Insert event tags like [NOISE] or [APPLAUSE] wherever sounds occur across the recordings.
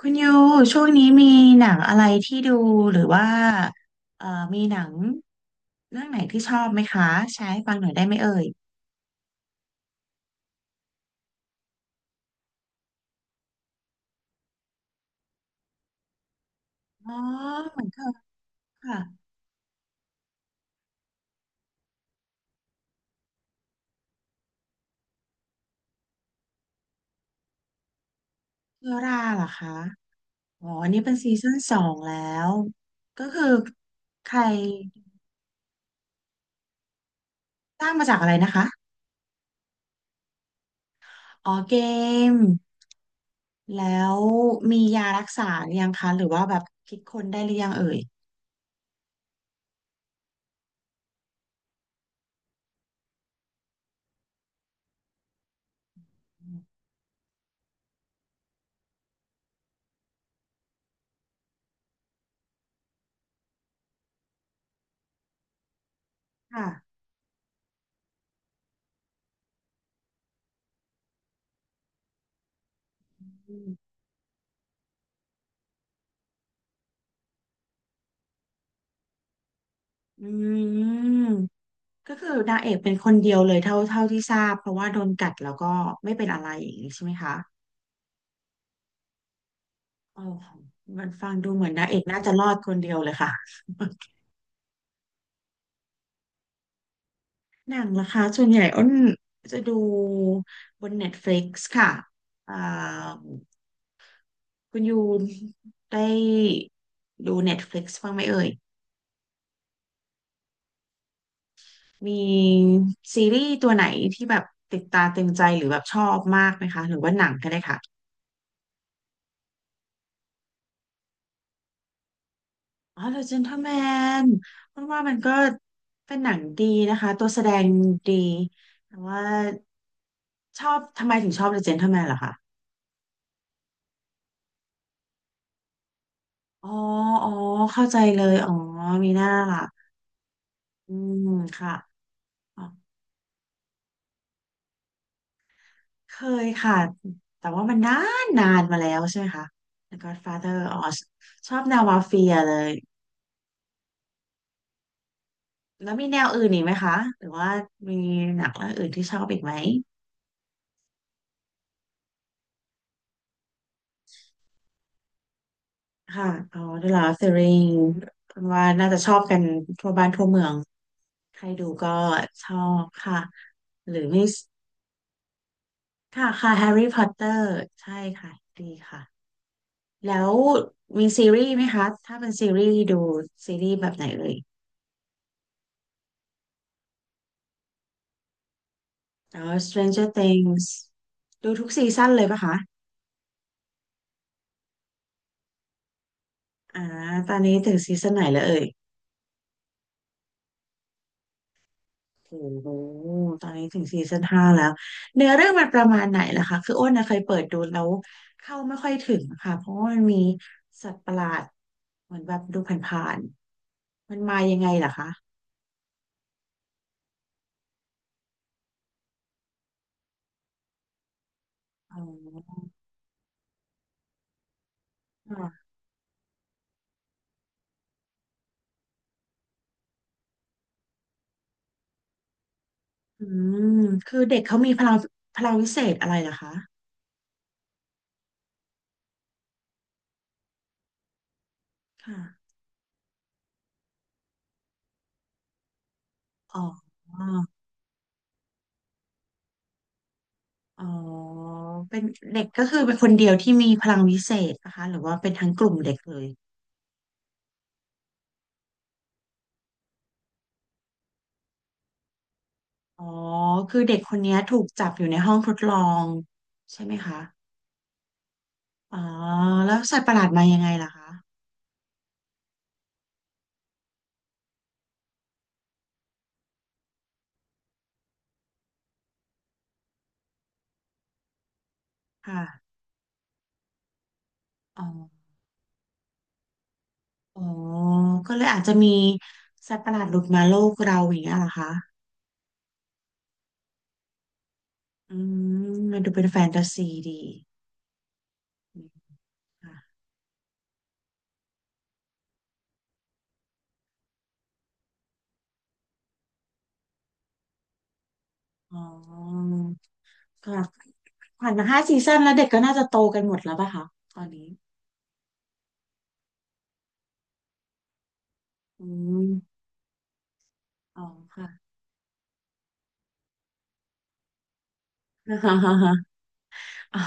คุณยูช่วงนี้มีหนังอะไรที่ดูหรือว่าเอ่อมีหนังเรื่องไหนที่ชอบไหมคะแชร์ให้ฟังหน่อยได้ไหมเอ่ยอ๋อเหมือนเคยค่ะเชื้อราเหรอคะอ๋ออันนี้เป็นซีซั่นสองแล้วก็คือใครสร้างมาจากอะไรนะคะอ๋อเกมแล้วมียารักษาหรือยังคะหรือว่าแบบคิดค้นได้หรือยังเอ่ยค่ะอืม ก็คือนางเอกเป็นคนเดียวเลยเท่าที่ทราบเพราะว่าโดนกัดแล้วก็ไม่เป็นอะไรอย่างนี้ใช่ไหมคะโอ้โหมันฟังดูเหมือนนางเอกน่าจะรอดคนเดียวเลยค่ะ [LAUGHS] หนังล่ะคะส่วนใหญ่อ้นจะดูบน Netflix ค่ะอ่าคุณยูได้ดู Netflix บ้างไหมเอ่ยมีซีรีส์ตัวไหนที่แบบติดตาตึงใจหรือแบบชอบมากไหมคะหรือว่าหนังก็ได้ค่ะ อ๋อ The Gentleman มันว่ามันก็เป็นหนังดีนะคะตัวแสดงดีแต่ว่าชอบทำไมถึงชอบ The Gentleman ล่ะคะอ๋ออ๋อเข้าใจเลยอ๋อมีหน้าล่ะอืมค่ะอ๋อเคยค่ะแต่ว่ามันนานนานมาแล้วใช่ไหมคะ The Godfather อ๋อชอบแนวมาเฟียเลยแล้วมีแนวอื่นอีกไหมคะหรือว่ามีหนังเรื่องอื่นที่ชอบอีกไหม ค่ะอ๋อ The Lord of the Ring คุณว่าน่าจะชอบกันทั่วบ้านทั่วเมืองใครดูก็ชอบค่ะ หรือมีค่ะค่ะ Harry Potter ใช่ค่ะดีค่ะแล้วมีซีรีส์ไหมคะถ้าเป็นซีรีส์ดูซีรีส์แบบไหนเลยอ๋อ Stranger Things ดูทุกซีซั่นเลยปะคะอ่าตอนนี้ถึงซีซั่นไหนแล้วเอ่ย โอ้โห ตอนนี้ถึงซีซั่นห้าแล้ว เนื้อเรื่องมันประมาณไหนล่ะคะ คืออ้นนะเคยเปิดดูแล้วเข้าไม่ค่อยถึงค่ะเพราะว่ามันมีสัตว์ประหลาดเหมือนแบบดูผ่านๆมันมายังไงล่ะคะอ๋อค่ะอืมคือเด็กเขามีพลังพลังวิเศษอะไรล่ะคะค่ะอ๋อ อ๋อเป็นเด็กก็คือเป็นคนเดียวที่มีพลังวิเศษนะคะ หรือว่าเป็นทั้งกลุ่มเด็กเลย อ๋อคือเด็กคนเนี้ยถูกจับอยู่ในห้องทดลองใช่ไหมคะอ๋อแล้วสัตว์ประหลาดมายังไงล่ะคะค่ะอ๋ออ๋อก็เลยอาจจะมีสัตว์ประหลาดหลุดมาโลกเราอย่างเงี้ยเหรอคะอืมมันดูเป็นแฟนตาซีดีอืมค่ะอ๋อก็ผ่านมาห้าซีซั่นแล้วเด็กก็น่าจะโตกันหมดแล้วป่ะคะตอนนี้อืมอ๋อค่ะ [LAUGHS] อ๋อ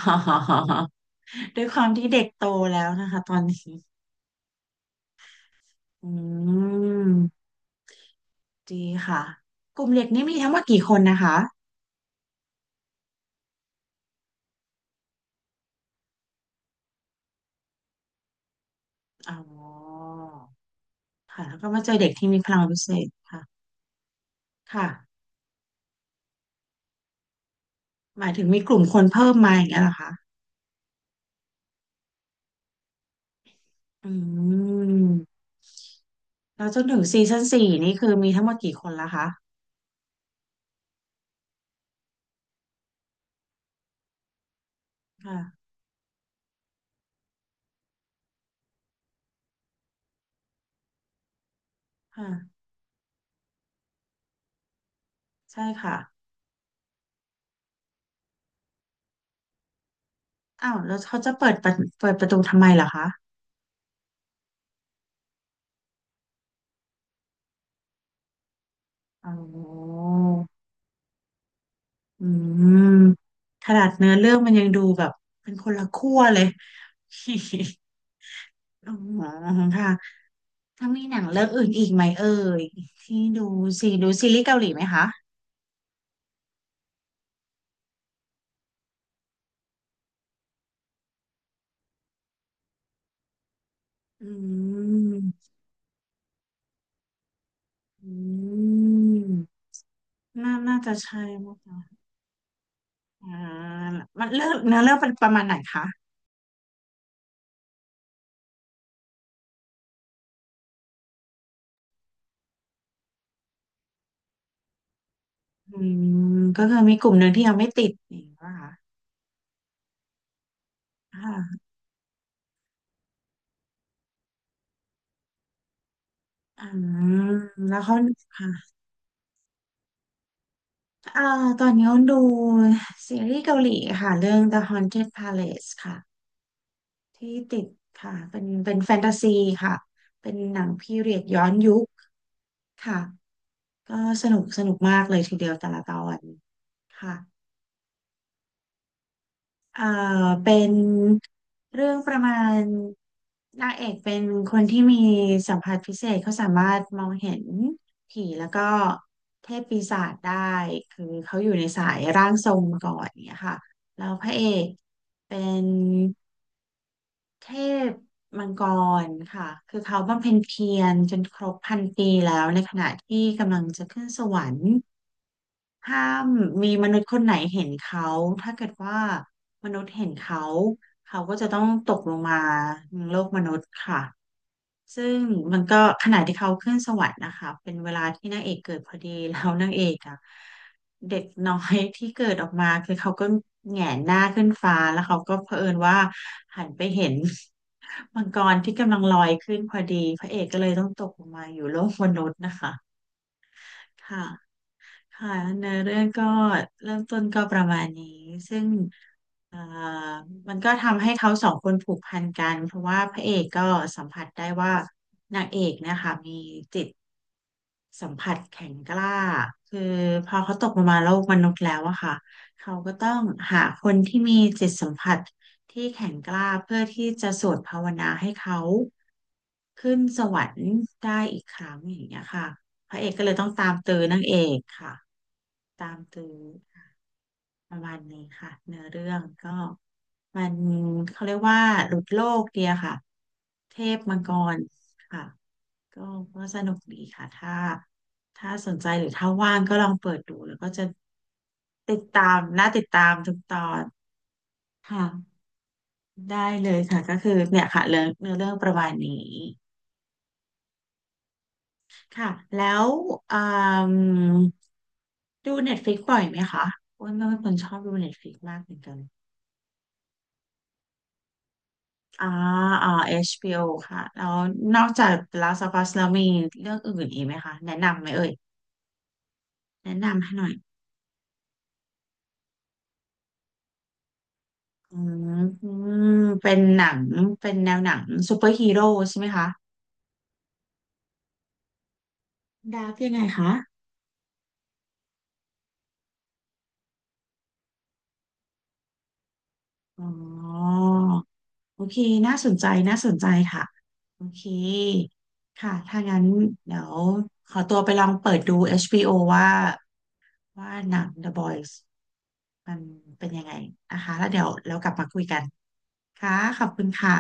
ด้วยความที่เด็กโตแล้วนะคะตอนนี้ อืมดีค่ะกลุ่มเด็กนี่มีทั้งหมดกี่คนนะคะอ๋อค่ะแล้วก็มาเจอเด็กที่มีพลังพิเศษค่ะค่ะหมายถึงมีกลุ่มคนเพิ่มมาอย่างเงี้ยเหรอคะอืมแล้วจนถึงซีซั่นสี่นี่คือมีทั้งหมดกี่คนละคะค่ะค่ะใช่ค่ะอ้าวแล้วเขาจะเปิดประเปิดประตูทำไมเหรอคะอ๋ออืมขนาดเนื้อเรื่องมันยังดูแบบเป็นคนละขั้วเลย [LAUGHS] อ๋อค่ะ ถ้ามีหนังเรื่องอื่นอีกไหมเอ่ยที่ดูซีดูซีรีส์เกาหลีไหมคะอืมอืมน่าน่าจะใช่ไหมคะอ่ามันเลือกเนื้อเรื่องเป็นประมาณไหนคะอืมก็คือมีกลุ่มหนึ่งที่ยังไม่ติดอย่างนี้ป่ะคะค่ะอืมแล้วเขาค่ะอ่าตอนนี้เขาดูซีรีส์เกาหลีค่ะเรื่อง The Haunted Palace ค่ะที่ติดค่ะเป็นเป็นแฟนตาซีค่ะเป็นหนังพีเรียดย้อนยุคค่ะ ก็สนุกสนุกมากเลยทีเดียวแต่ละตอนค่ะเอ่อเป็นเรื่องประมาณนางเอกเป็นคนที่มีสัมผัสพิเศษเขาสามารถมองเห็นผีแล้วก็เทพปีศาจได้คือเขาอยู่ในสายร่างทรงมาก่อนเนี่ยค่ะแล้วพระเอกเป็นเทพมังกรค่ะคือเขาบำเพ็ญเพียรจนครบพันปีแล้วในขณะที่กำลังจะขึ้นสวรรค์ ถ้ามีมนุษย์คนไหนเห็นเขาถ้าเกิดว่ามนุษย์เห็นเขาเขาก็จะต้องตกลงมาในโลกมนุษย์ค่ะซึ่งมันก็ขณะที่เขาขึ้นสวรรค์นะคะเป็นเวลาที่นางเอกเกิดพอดี [LAUGHS] แล้วนางเอกอะเด็กน้อยที่เกิดออกมาคือเขาก็แหงนหน้าขึ้นฟ้าแล้วเขาก็เผอิญว่าหันไปเห็น [LAUGHS] มังกรที่กำลังลอยขึ้นพอดีพระเอกก็เลยต้องตกลงมาอยู่โลกมนุษย์นะคะค่ะ ค่ะเนื้อเรื่องก็เริ่มต้นก็ประมาณนี้ซึ่งเอ่อมันก็ทำให้เขาสองคนผูกพันกันเพราะว่าพระเอกก็สัมผัสได้ว่านางเอกเนะคะมีจิตสัมผัสแข็งกล้าคือพอเขาตกลงมาโลกมนุษย์แล้วอะค่ะเขาก็ต้องหาคนที่มีจิตสัมผัสที่แข็งกล้าเพื่อที่จะสวดภาวนาให้เขาขึ้นสวรรค์ได้อีกครั้งอย่างเงี้ยค่ะพระเอกก็เลยต้องตามตื้อนางเอกค่ะ ตามตื้อประมาณนี้ค่ะเนื้อเรื่องก็มันเขาเรียกว่าหลุดโลกเดียค่ะเทพมังกรค่ะก็ก็สนุกดีค่ะถ้าถ้าสนใจหรือถ้าว่างก็ลองเปิดดูแล้วก็จะติดตามน่าติดตามทุกตอนค่ะได้เลยค่ะก็คือเนี่ยค่ะเรื่องเนื้อเรื่องประมาณนี้ค่ะแล้วอืมดู Netflix บ่อยไหมคะอ้วนก็เป็นคนชอบดู Netflix มากเหมือนกัน อ่า อ่า HBO ค่ะแล้วนอกจาก The Last of Us แล้วมีเรื่องอื่นอีกไหมคะ แนะนำไหมเอ่ย แนะนำให้หน่อย อืม เป็นหนัง เป็นแนวหนังซูเปอร์ฮีโร่ใช่ไหมคะดาร์กยังไงคะ อ๋อ โอเค น่าสนใจ น่าสนใจค่ะ โอเค ค่ะ ถ้างั้นเดี๋ยวขอตัวไปลองเปิดดู HBO ว่า ว่าหนัง The Boys มันเป็นยังไงนะคะแล้วเดี๋ยวเรากลับมาคุยกันค่ะขอบคุณค่ะ